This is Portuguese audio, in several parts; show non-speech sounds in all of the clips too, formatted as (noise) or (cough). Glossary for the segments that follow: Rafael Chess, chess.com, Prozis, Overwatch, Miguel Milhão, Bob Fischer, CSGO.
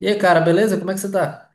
E aí, cara, beleza? Como é que você tá?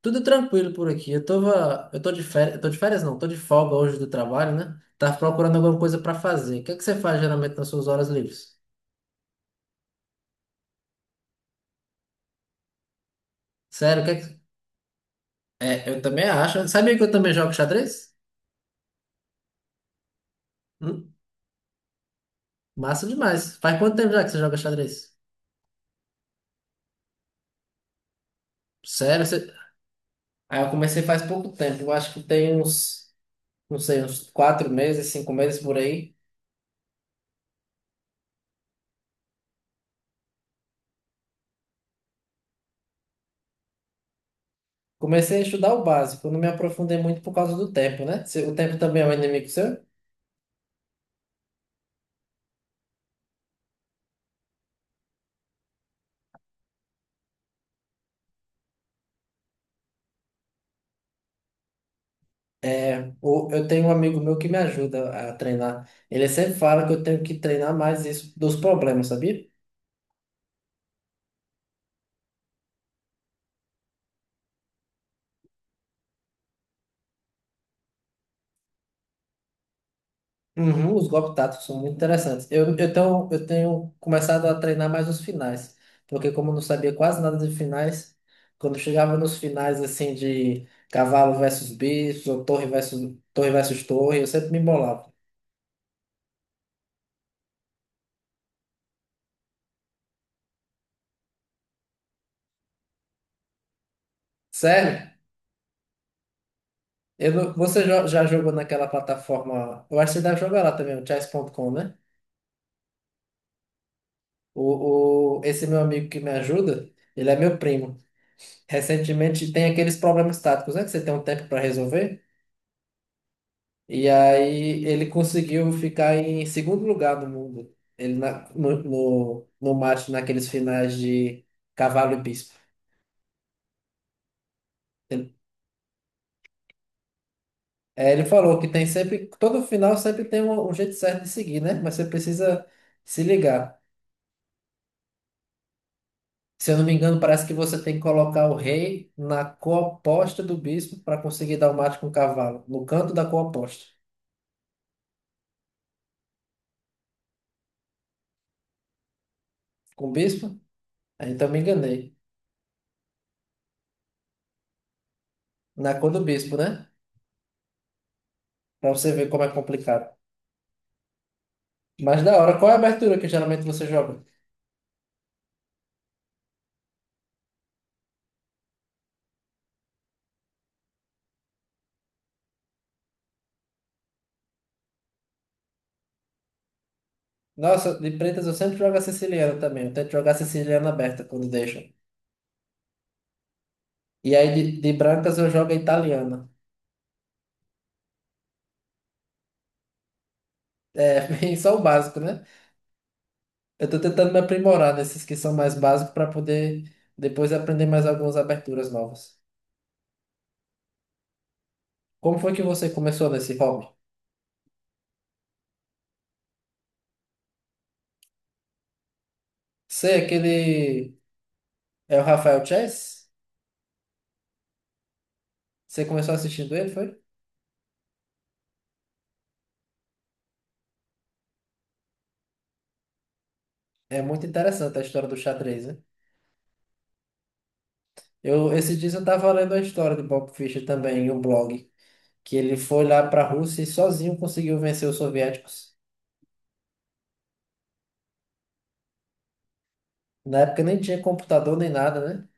Tudo tranquilo por aqui. Eu tô de férias, eu tô de férias não, tô de folga hoje do trabalho, né? Tava procurando alguma coisa pra fazer. O que é que você faz geralmente nas suas horas livres? Sério, o que é que. É, eu também acho. Sabia que eu também jogo xadrez? Hum, Massa demais. Faz quanto tempo já que você joga xadrez? Sério, você. Ah, eu comecei faz pouco tempo. Eu acho que tem uns, não sei, uns 4 meses, 5 meses por aí. Comecei a estudar o básico, não me aprofundei muito por causa do tempo, né? O tempo também é um inimigo seu? É, eu tenho um amigo meu que me ajuda a treinar. Ele sempre fala que eu tenho que treinar mais isso dos problemas, sabia? Uhum, os golpes táticos são muito interessantes. Eu tenho começado a treinar mais os finais, porque como eu não sabia quase nada de finais, quando chegava nos finais assim de cavalo versus bicho, ou torre versus torre versus torre, eu sempre me embolava. Sério? Eu, não- você jo- já jogou naquela plataforma? Eu acho que você deve jogar lá também, o chess.com, né? Esse meu amigo que me ajuda, ele é meu primo. Recentemente tem aqueles problemas táticos, né? Que você tem um tempo para resolver. E aí ele conseguiu ficar em segundo lugar no mundo. Ele na- no, no, no mate naqueles finais de cavalo e bispo. Ele, é, ele falou que tem sempre, todo final sempre tem um jeito certo de seguir, né? Mas você precisa se ligar. Se eu não me engano, parece que você tem que colocar o rei na cor oposta do bispo para conseguir dar o mate com o cavalo, no canto da cor oposta. Com o bispo? Aí, então me enganei. Na cor do bispo, né? Para você ver como é complicado. Mas da hora, qual é a abertura que geralmente você joga? Nossa, de pretas eu sempre jogo a siciliana também. Eu tento jogar a siciliana aberta quando deixa. E aí de brancas eu jogo a italiana. É, (laughs) bem só o básico, né? Eu tô tentando me aprimorar nesses que são mais básicos para poder depois aprender mais algumas aberturas novas. Como foi que você começou nesse hobby? Você, é aquele. É o Rafael Chess? Você começou assistindo ele, foi? É muito interessante a história do xadrez, né? Esses dias eu estava lendo a história de Bob Fischer também em um blog, que ele foi lá para a Rússia e sozinho conseguiu vencer os soviéticos. Na época nem tinha computador nem nada, né?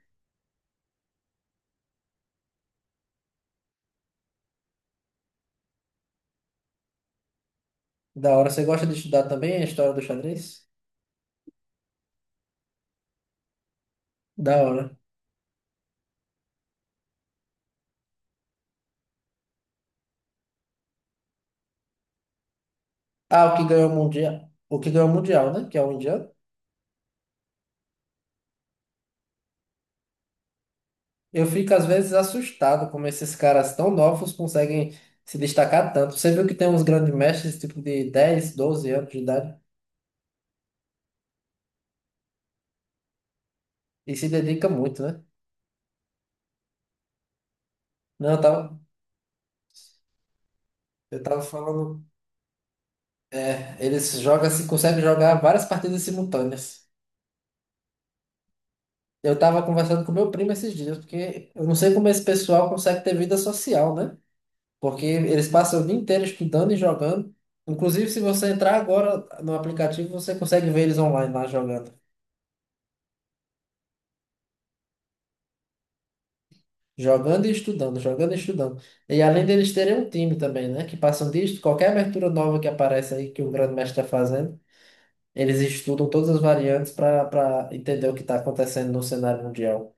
Da hora. Você gosta de estudar também a história do xadrez? Da hora. Ah, o que ganhou o mundial, o que ganhou o mundial, né? Que é o indiano. Eu fico às vezes assustado como esses caras tão novos conseguem se destacar tanto. Você viu que tem uns grandes mestres tipo de 10 12 anos de idade e se dedica muito, né? Não, eu tava falando. Eles jogam, assim, conseguem jogar várias partidas simultâneas. Eu tava conversando com meu primo esses dias, porque eu não sei como esse pessoal consegue ter vida social, né? Porque eles passam o dia inteiro estudando e jogando. Inclusive, se você entrar agora no aplicativo, você consegue ver eles online lá jogando. Jogando e estudando, jogando e estudando. E além deles terem um time também, né? Que passam disso, qualquer abertura nova que aparece aí que o grande mestre está fazendo, eles estudam todas as variantes para entender o que está acontecendo no cenário mundial.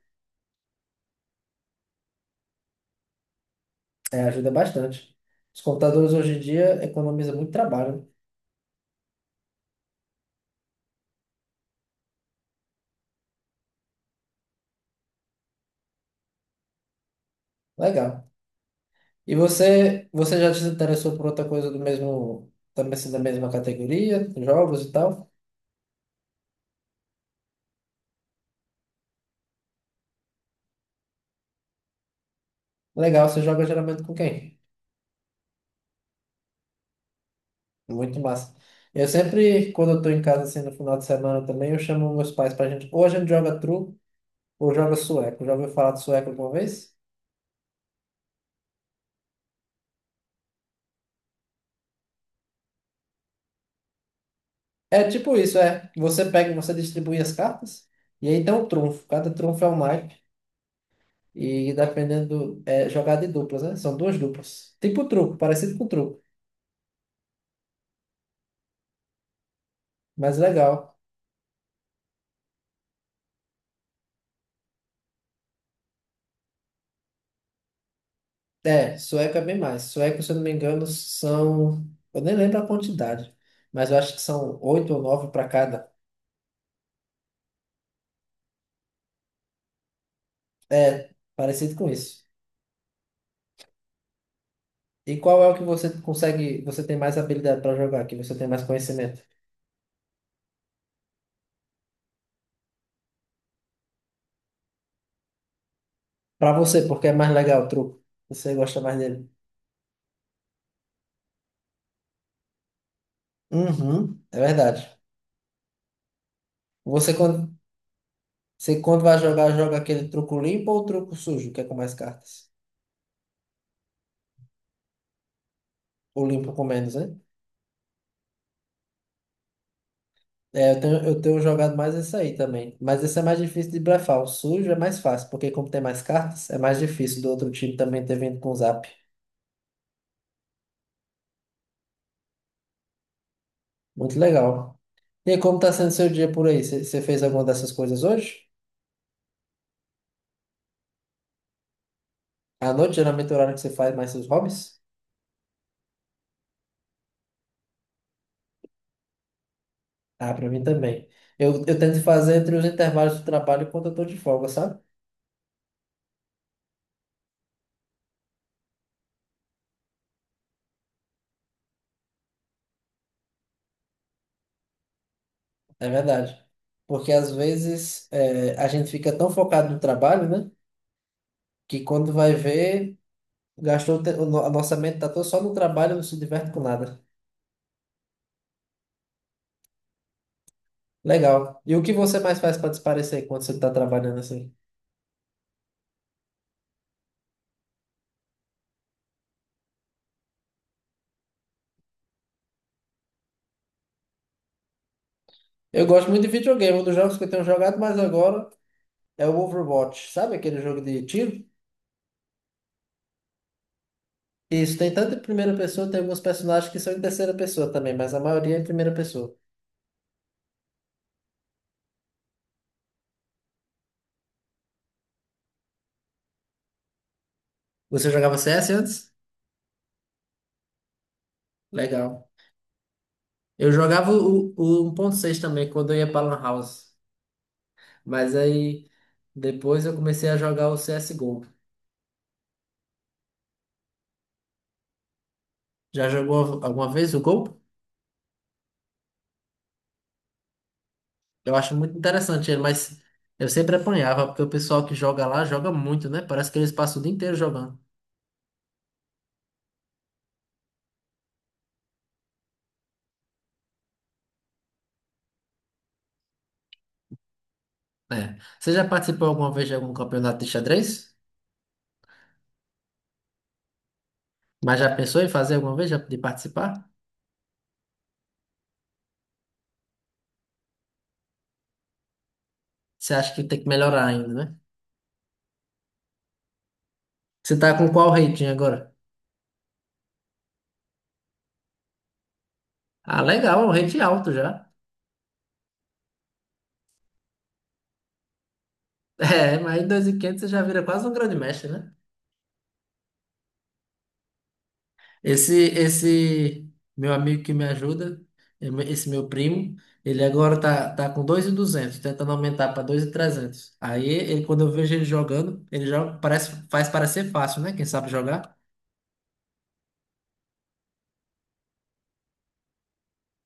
É, ajuda bastante. Os computadores hoje em dia economizam muito trabalho. Né? Legal. E você, você já se interessou por outra coisa do mesmo, também assim, da mesma categoria, jogos e tal? Legal, você joga geralmente com quem? Muito massa. Eu sempre, quando eu tô em casa, assim, no final de semana também, eu chamo meus pais pra gente, ou a gente joga truco, ou joga sueco. Já ouviu falar de sueco alguma vez? É tipo isso, é. Você pega, e você distribui as cartas, e aí tem um trunfo. Cada trunfo é um naipe. E dependendo, é jogada de duplas, né? São duas duplas. Tipo truco, parecido com truco, mas legal. É, sueco é bem mais. Sueco, se eu não me engano, são. Eu nem lembro a quantidade, mas eu acho que são oito ou nove para cada. É, parecido com isso. E qual é o que você consegue, você tem mais habilidade para jogar, que você tem mais conhecimento? Para você, porque é mais legal o truco. Você gosta mais dele. Uhum, é verdade. Você quando, você quando vai jogar, joga aquele truco limpo ou truco sujo, que é com mais cartas? O limpo com menos, né? É, eu tenho jogado mais esse aí também. Mas esse é mais difícil de blefar. O sujo é mais fácil, porque como tem mais cartas, é mais difícil do outro time também ter vindo com o zap. Muito legal. E aí, como tá sendo seu dia por aí? Você fez alguma dessas coisas hoje? À noite, geralmente, é o horário que você faz mais seus hobbies? Ah, pra mim também. Eu tento fazer entre os intervalos do trabalho e quando eu tô de folga, sabe? É verdade. Porque às vezes a gente fica tão focado no trabalho, né? Que quando vai ver. Gastou o te- o no- a nossa mente tá toda só no trabalho, não se diverte com nada. Legal. E o que você mais faz para desaparecer quando você tá trabalhando assim? Eu gosto muito de videogame, um dos jogos que eu tenho jogado mais agora é o Overwatch. Sabe aquele jogo de tiro? Isso, tem tanto em primeira pessoa, tem alguns personagens que são em terceira pessoa também, mas a maioria é em primeira pessoa. Você jogava CS antes? Legal. Eu jogava o 1.6 também, quando eu ia para Lan House. Mas aí, depois eu comecei a jogar o CSGO. Já jogou alguma vez o Go? Eu acho muito interessante ele, mas eu sempre apanhava, porque o pessoal que joga lá joga muito, né? Parece que eles passam o dia inteiro jogando. É. Você já participou alguma vez de algum campeonato de xadrez? Mas já pensou em fazer alguma vez já de participar? Você acha que tem que melhorar ainda, né? Você tá com qual rating agora? Ah, legal, é um rating alto já. (laughs) É, mas em 2.500 você já vira quase um grande mestre, né? Esse meu amigo que me ajuda, esse meu primo, ele agora tá com 2.200 tentando aumentar para 2.300. Aí, ele, quando eu vejo ele jogando, ele joga, parece, faz parecer fácil, né? Quem sabe jogar.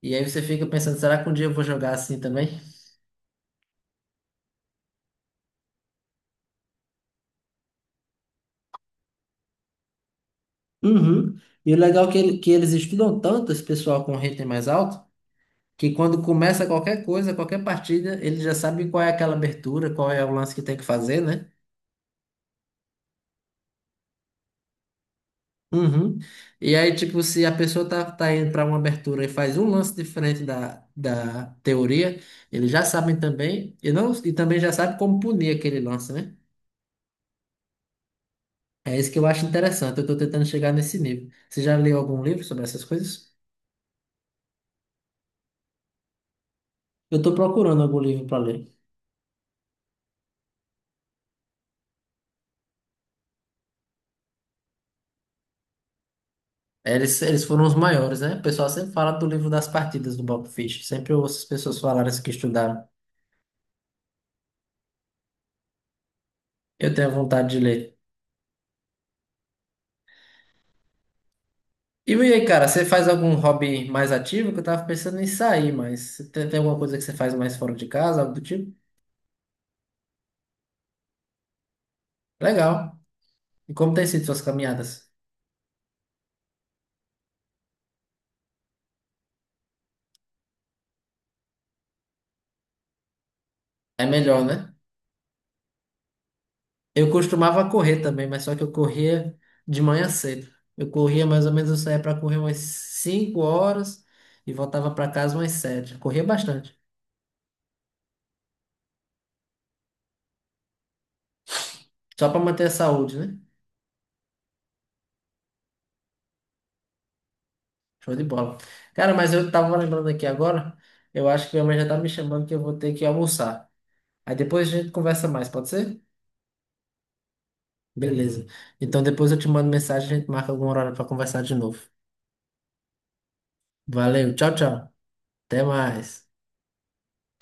E aí você fica pensando, será que um dia eu vou jogar assim também? Uhum. E o legal é que, que eles estudam tanto, esse pessoal com rating mais alto, que quando começa qualquer coisa, qualquer partida, ele já sabe qual é aquela abertura, qual é o lance que tem que fazer, né? Uhum. E aí, tipo, se a pessoa tá indo para uma abertura e faz um lance diferente da teoria, eles já sabem também, e, não, e também já sabem como punir aquele lance, né? É isso que eu acho interessante, eu tô tentando chegar nesse nível. Você já leu algum livro sobre essas coisas? Eu tô procurando algum livro para ler. Eles foram os maiores, né? O pessoal sempre fala do livro das partidas do Bob Fish, sempre eu ouço as pessoas falarem isso que estudaram. Eu tenho vontade de ler. E aí, cara, você faz algum hobby mais ativo? Que eu tava pensando em sair, mas você tem alguma coisa que você faz mais fora de casa, algo do tipo? Legal. E como tem sido suas caminhadas? É melhor, né? Eu costumava correr também, mas só que eu corria de manhã cedo. Eu corria mais ou menos, eu saía pra correr umas 5 horas e voltava pra casa umas 7. Corria bastante. Só pra manter a saúde, né? Show de bola. Cara, mas eu tava lembrando aqui agora, eu acho que minha mãe já tá me chamando que eu vou ter que almoçar. Aí depois a gente conversa mais, pode ser? Beleza. Então depois eu te mando mensagem, a gente marca algum horário para conversar de novo. Valeu, tchau, tchau. Até mais.